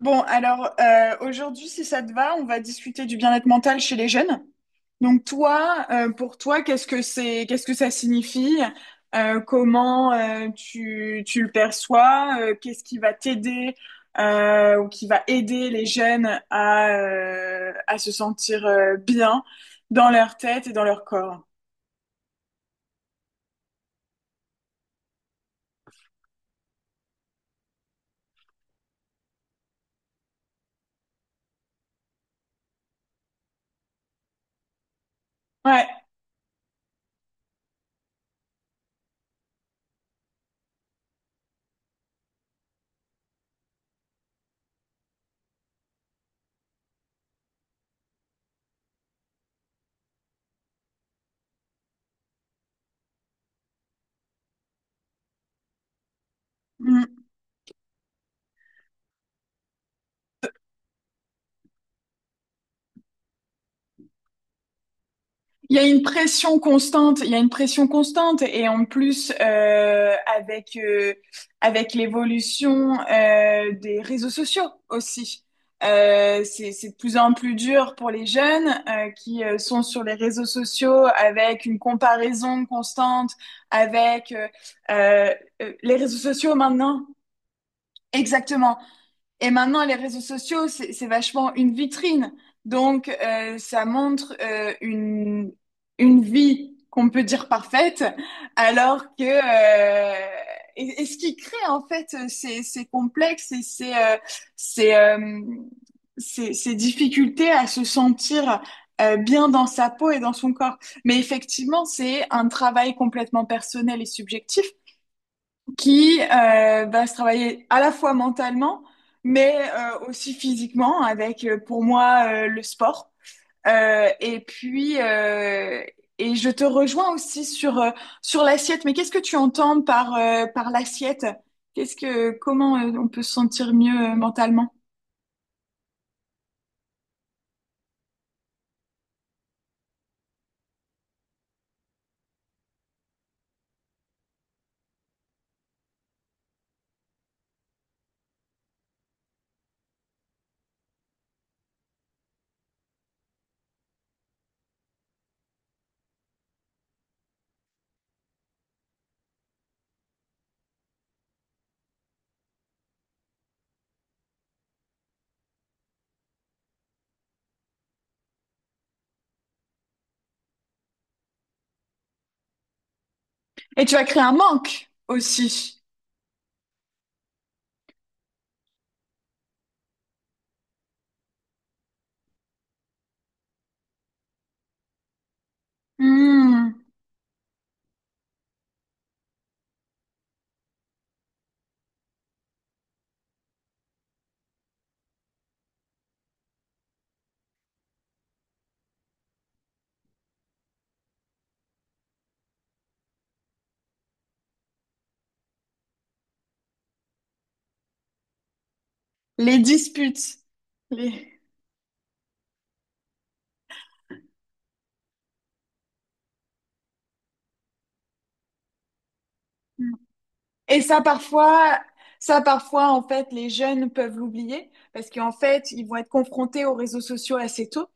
Bon, alors aujourd'hui, si ça te va, on va discuter du bien-être mental chez les jeunes. Donc toi, pour toi, qu'est-ce que c'est, qu'est-ce que ça signifie? Comment tu le perçois? Qu'est-ce qui va t'aider ou qui va aider les jeunes à se sentir bien dans leur tête et dans leur corps? Ouais. Mm. Il y a une pression constante, et en plus avec avec l'évolution des réseaux sociaux aussi, c'est de plus en plus dur pour les jeunes qui sont sur les réseaux sociaux avec une comparaison constante avec euh, les réseaux sociaux maintenant. Exactement. Et maintenant, les réseaux sociaux, c'est vachement une vitrine. Donc, ça montre une vie qu'on peut dire parfaite, alors que... euh, et ce qui crée, en fait, ces, ces complexes et ces, euh, ces, ces difficultés à se sentir bien dans sa peau et dans son corps. Mais effectivement, c'est un travail complètement personnel et subjectif qui va se travailler à la fois mentalement, mais aussi physiquement avec, pour moi, le sport. Euh, et puis, euh, et je te rejoins aussi sur, sur l'assiette. Mais qu'est-ce que tu entends par, par l'assiette? Qu'est-ce que, comment on peut se sentir mieux mentalement? Et tu vas créer un manque aussi. Hmm. Les disputes. Les... Hmm. Et ça, parfois, en fait, les jeunes peuvent l'oublier parce qu'en fait, ils vont être confrontés aux réseaux sociaux assez tôt.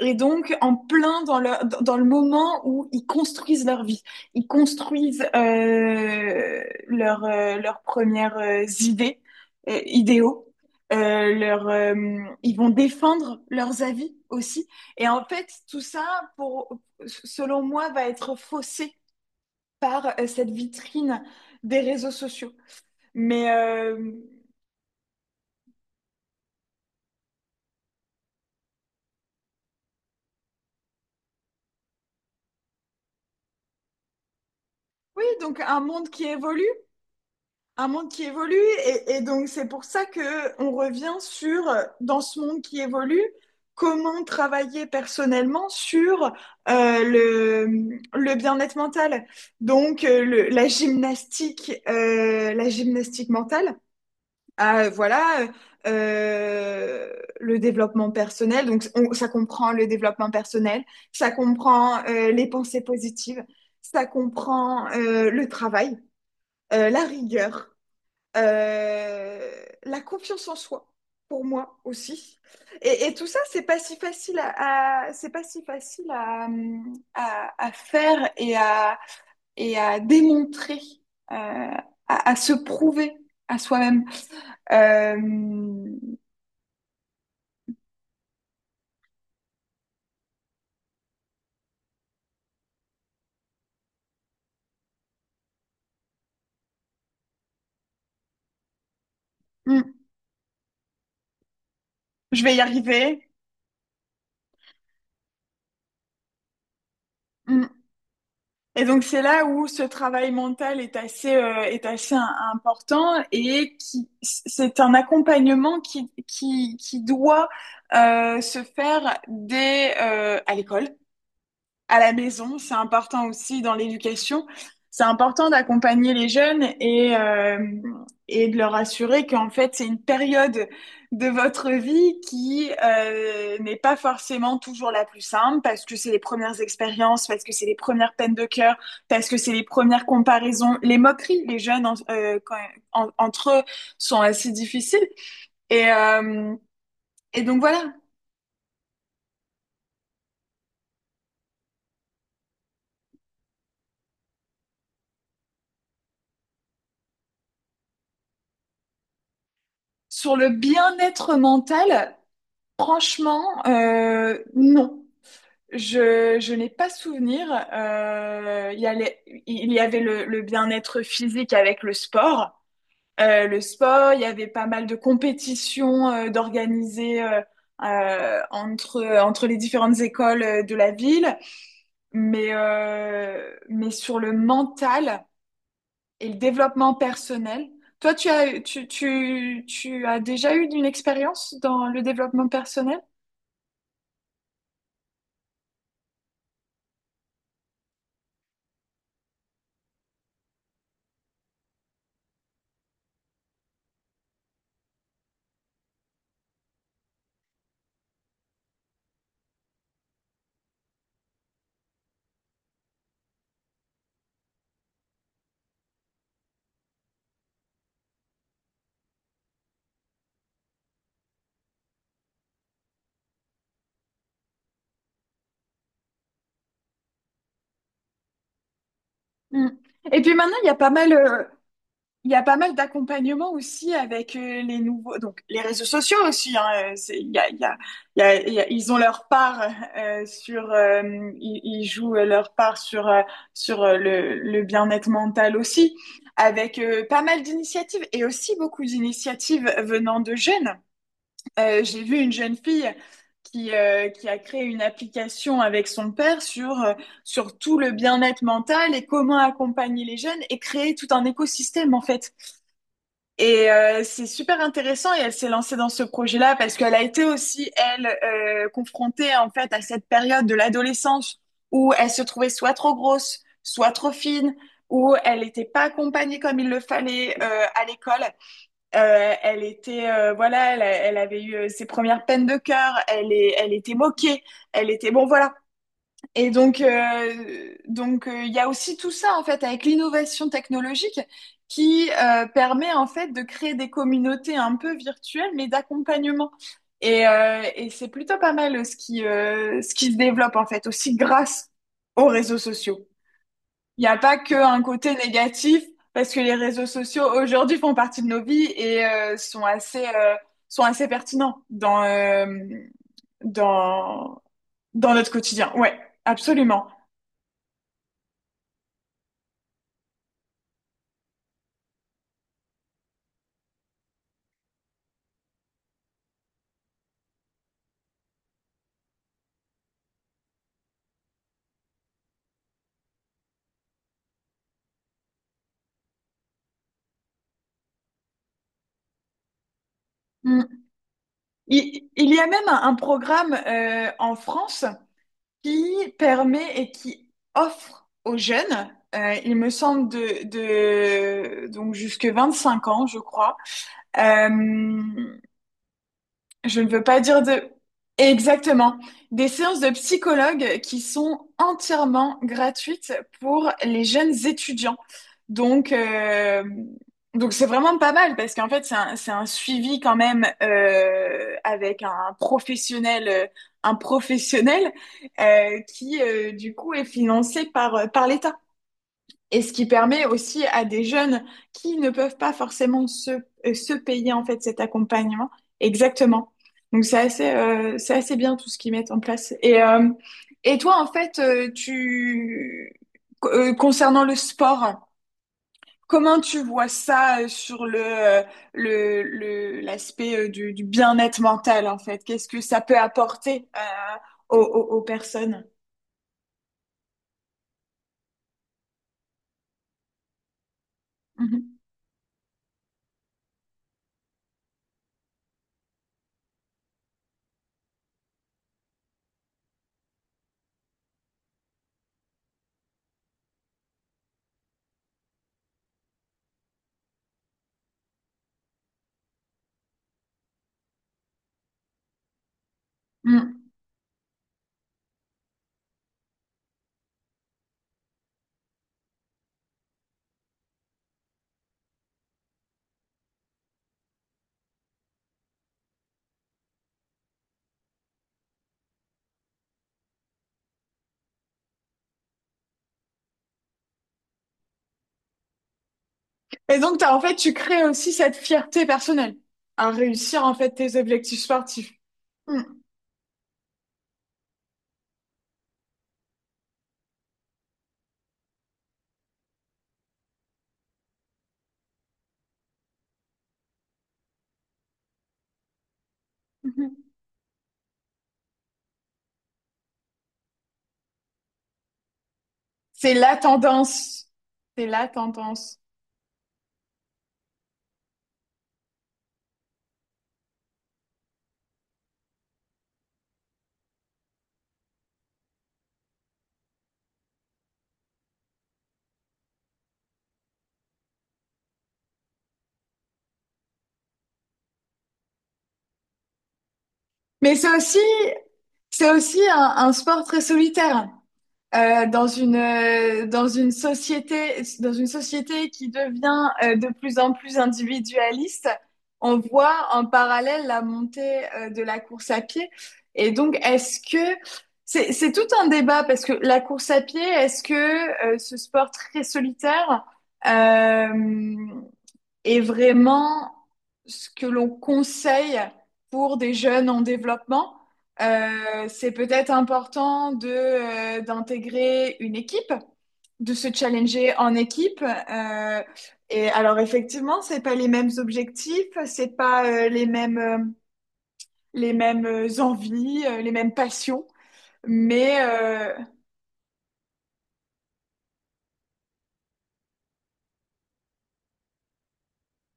Et donc, en plein dans le moment où ils construisent leur vie, ils construisent leurs premières idées, idéaux. Euh, leur, euh, ils vont défendre leurs avis aussi. Et en fait, tout ça, pour, selon moi, va être faussé par cette vitrine des réseaux sociaux. Mais euh, oui, donc un monde qui évolue, un monde qui évolue, et donc c'est pour ça que on revient sur dans ce monde qui évolue, comment travailler personnellement sur euh, le, le bien-être mental. Donc la gymnastique mentale. à, euh, voilà, euh, le développement personnel. Donc ça comprend le développement personnel, ça comprend les pensées positives, ça comprend le travail, la rigueur, euh, la confiance en soi, pour moi aussi. Et tout ça, c'est pas si facile à faire et à démontrer, euh, à se prouver à soi-même. Euh, Mm. Je vais y arriver. Mm. Et donc c'est là où ce travail mental est assez important et qui c'est un accompagnement qui doit se faire dès à l'école à la maison. C'est important aussi dans l'éducation. C'est important d'accompagner les jeunes et de leur assurer qu'en fait, c'est une période de votre vie qui n'est pas forcément toujours la plus simple parce que c'est les premières expériences, parce que c'est les premières peines de cœur, parce que c'est les premières comparaisons, les moqueries. Les jeunes en- quand- en- entre eux sont assez difficiles. Et, euh, et donc voilà, sur le bien-être mental, Franchement, non. Je n'ai pas souvenir. Il y avait le bien-être physique avec le sport. Le sport, il y avait pas mal de compétitions d'organiser entre, entre les différentes écoles de la ville. Mais sur le mental et le développement personnel, toi, tu as déjà eu une expérience dans le développement personnel? Mm. Et puis maintenant, il y a pas mal, il y a pas mal d'accompagnement aussi avec les nouveaux, donc les réseaux sociaux aussi. Hein, il y a, il y a, il y a- il y a- ils ont leur part euh, sur, euh, ils, ils jouent leur part sur le bien-être mental aussi, avec pas mal d'initiatives et aussi beaucoup d'initiatives venant de jeunes. J'ai vu une jeune fille qui a créé une application avec son père sur, sur tout le bien-être mental et comment accompagner les jeunes et créer tout un écosystème en fait. Et c'est super intéressant et elle s'est lancée dans ce projet-là parce qu'elle a été aussi, elle, confrontée en fait à cette période de l'adolescence où elle se trouvait soit trop grosse, soit trop fine, où elle n'était pas accompagnée comme il le fallait à l'école. Elle était, voilà, elle avait eu ses premières peines de cœur. Elle était moquée. Elle était, bon, voilà. Et donc, il y a aussi tout ça en fait avec l'innovation technologique qui permet en fait de créer des communautés un peu virtuelles, mais d'accompagnement. Et c'est plutôt pas mal ce qui se développe en fait aussi grâce aux réseaux sociaux. Il n'y a pas qu'un côté négatif, parce que les réseaux sociaux aujourd'hui font partie de nos vies et sont assez pertinents dans, dans, dans notre quotidien. Ouais, absolument. Mm. Il y a même un programme en France qui permet et qui offre aux jeunes, il me semble de donc jusque 25 ans, je crois, euh, Je ne veux pas dire de... Exactement. Des séances de psychologue qui sont entièrement gratuites pour les jeunes étudiants. Donc, euh, donc c'est vraiment pas mal parce qu'en fait, c'est un suivi quand même avec un professionnel qui, du coup, est financé par, par l'État. Et ce qui permet aussi à des jeunes qui ne peuvent pas forcément se, se payer en fait cet accompagnement. Exactement. Donc c'est assez bien tout ce qu'ils mettent en place. Et toi, en fait, tu concernant le sport, comment tu vois ça sur le, l'aspect du bien-être mental, en fait? Qu'est-ce que ça peut apporter aux personnes? Mhm. Mm. Et donc, t'as, en fait, tu crées aussi cette fierté personnelle à réussir, en fait, tes objectifs sportifs. Mm. Mhm. C'est la tendance. C'est la tendance. Mais c'est aussi, c'est aussi un sport très solitaire. Dans une société qui devient de plus en plus individualiste, on voit en parallèle la montée de la course à pied. Et donc, est-ce que c'est tout un débat parce que la course à pied, est-ce que ce sport très solitaire, euh, est vraiment ce que l'on conseille pour des jeunes en développement. C'est peut-être important de, d'intégrer une équipe, de se challenger en équipe. Et alors effectivement, c'est pas les mêmes objectifs, c'est pas les mêmes envies, les mêmes passions, mais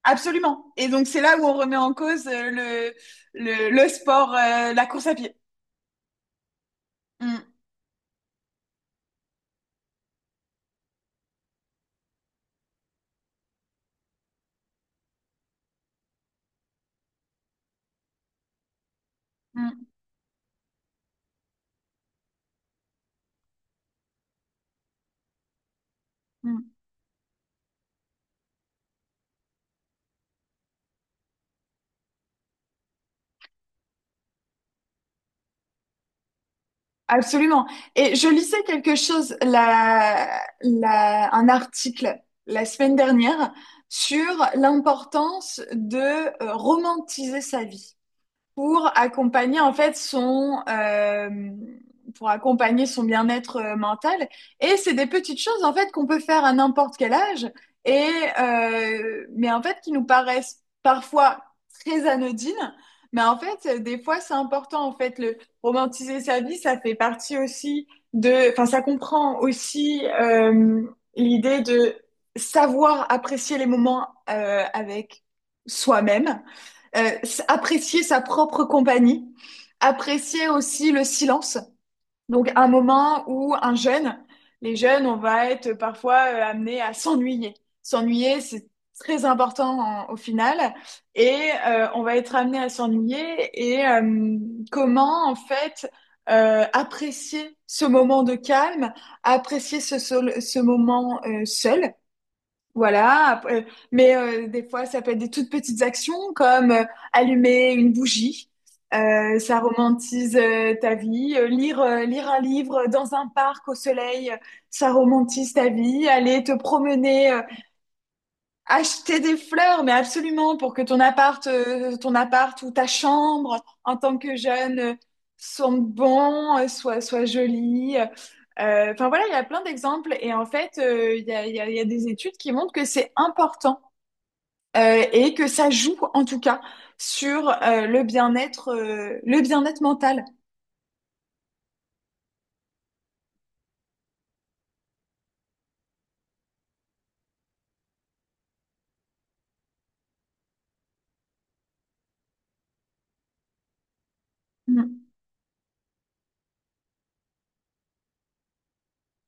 absolument. Et donc c'est là où on remet en cause le sport, la course à pied. Mm, mm, mm. Absolument. Et je lisais quelque chose, un article la semaine dernière sur l'importance de romantiser sa vie pour accompagner en fait son pour accompagner son bien-être mental et c'est des petites choses en fait qu'on peut faire à n'importe quel âge et mais en fait qui nous paraissent parfois très anodines mais en fait des fois c'est important en fait le romantiser sa vie ça fait partie aussi de enfin ça comprend aussi l'idée de savoir apprécier les moments avec soi-même euh, apprécier sa propre compagnie, apprécier aussi le silence. Donc un moment où un jeune, les jeunes, on va être parfois amené à s'ennuyer. S'ennuyer, c'est très important en, au final, et on va être amené à s'ennuyer. Et comment en fait apprécier ce moment de calme, apprécier ce, ce moment seul, voilà, après- mais des fois, ça peut être des toutes petites actions comme allumer une bougie, ça romantise ta vie, lire, lire un livre dans un parc au soleil, ça romantise ta vie, aller te promener Acheter des fleurs, mais absolument, pour que ton appart ou ta chambre, en tant que jeune, sente bon, soit jolie. Enfin voilà, il y a plein d'exemples. Et en fait, il y a des études qui montrent que c'est important et que ça joue, en tout cas, sur le bien-être mental.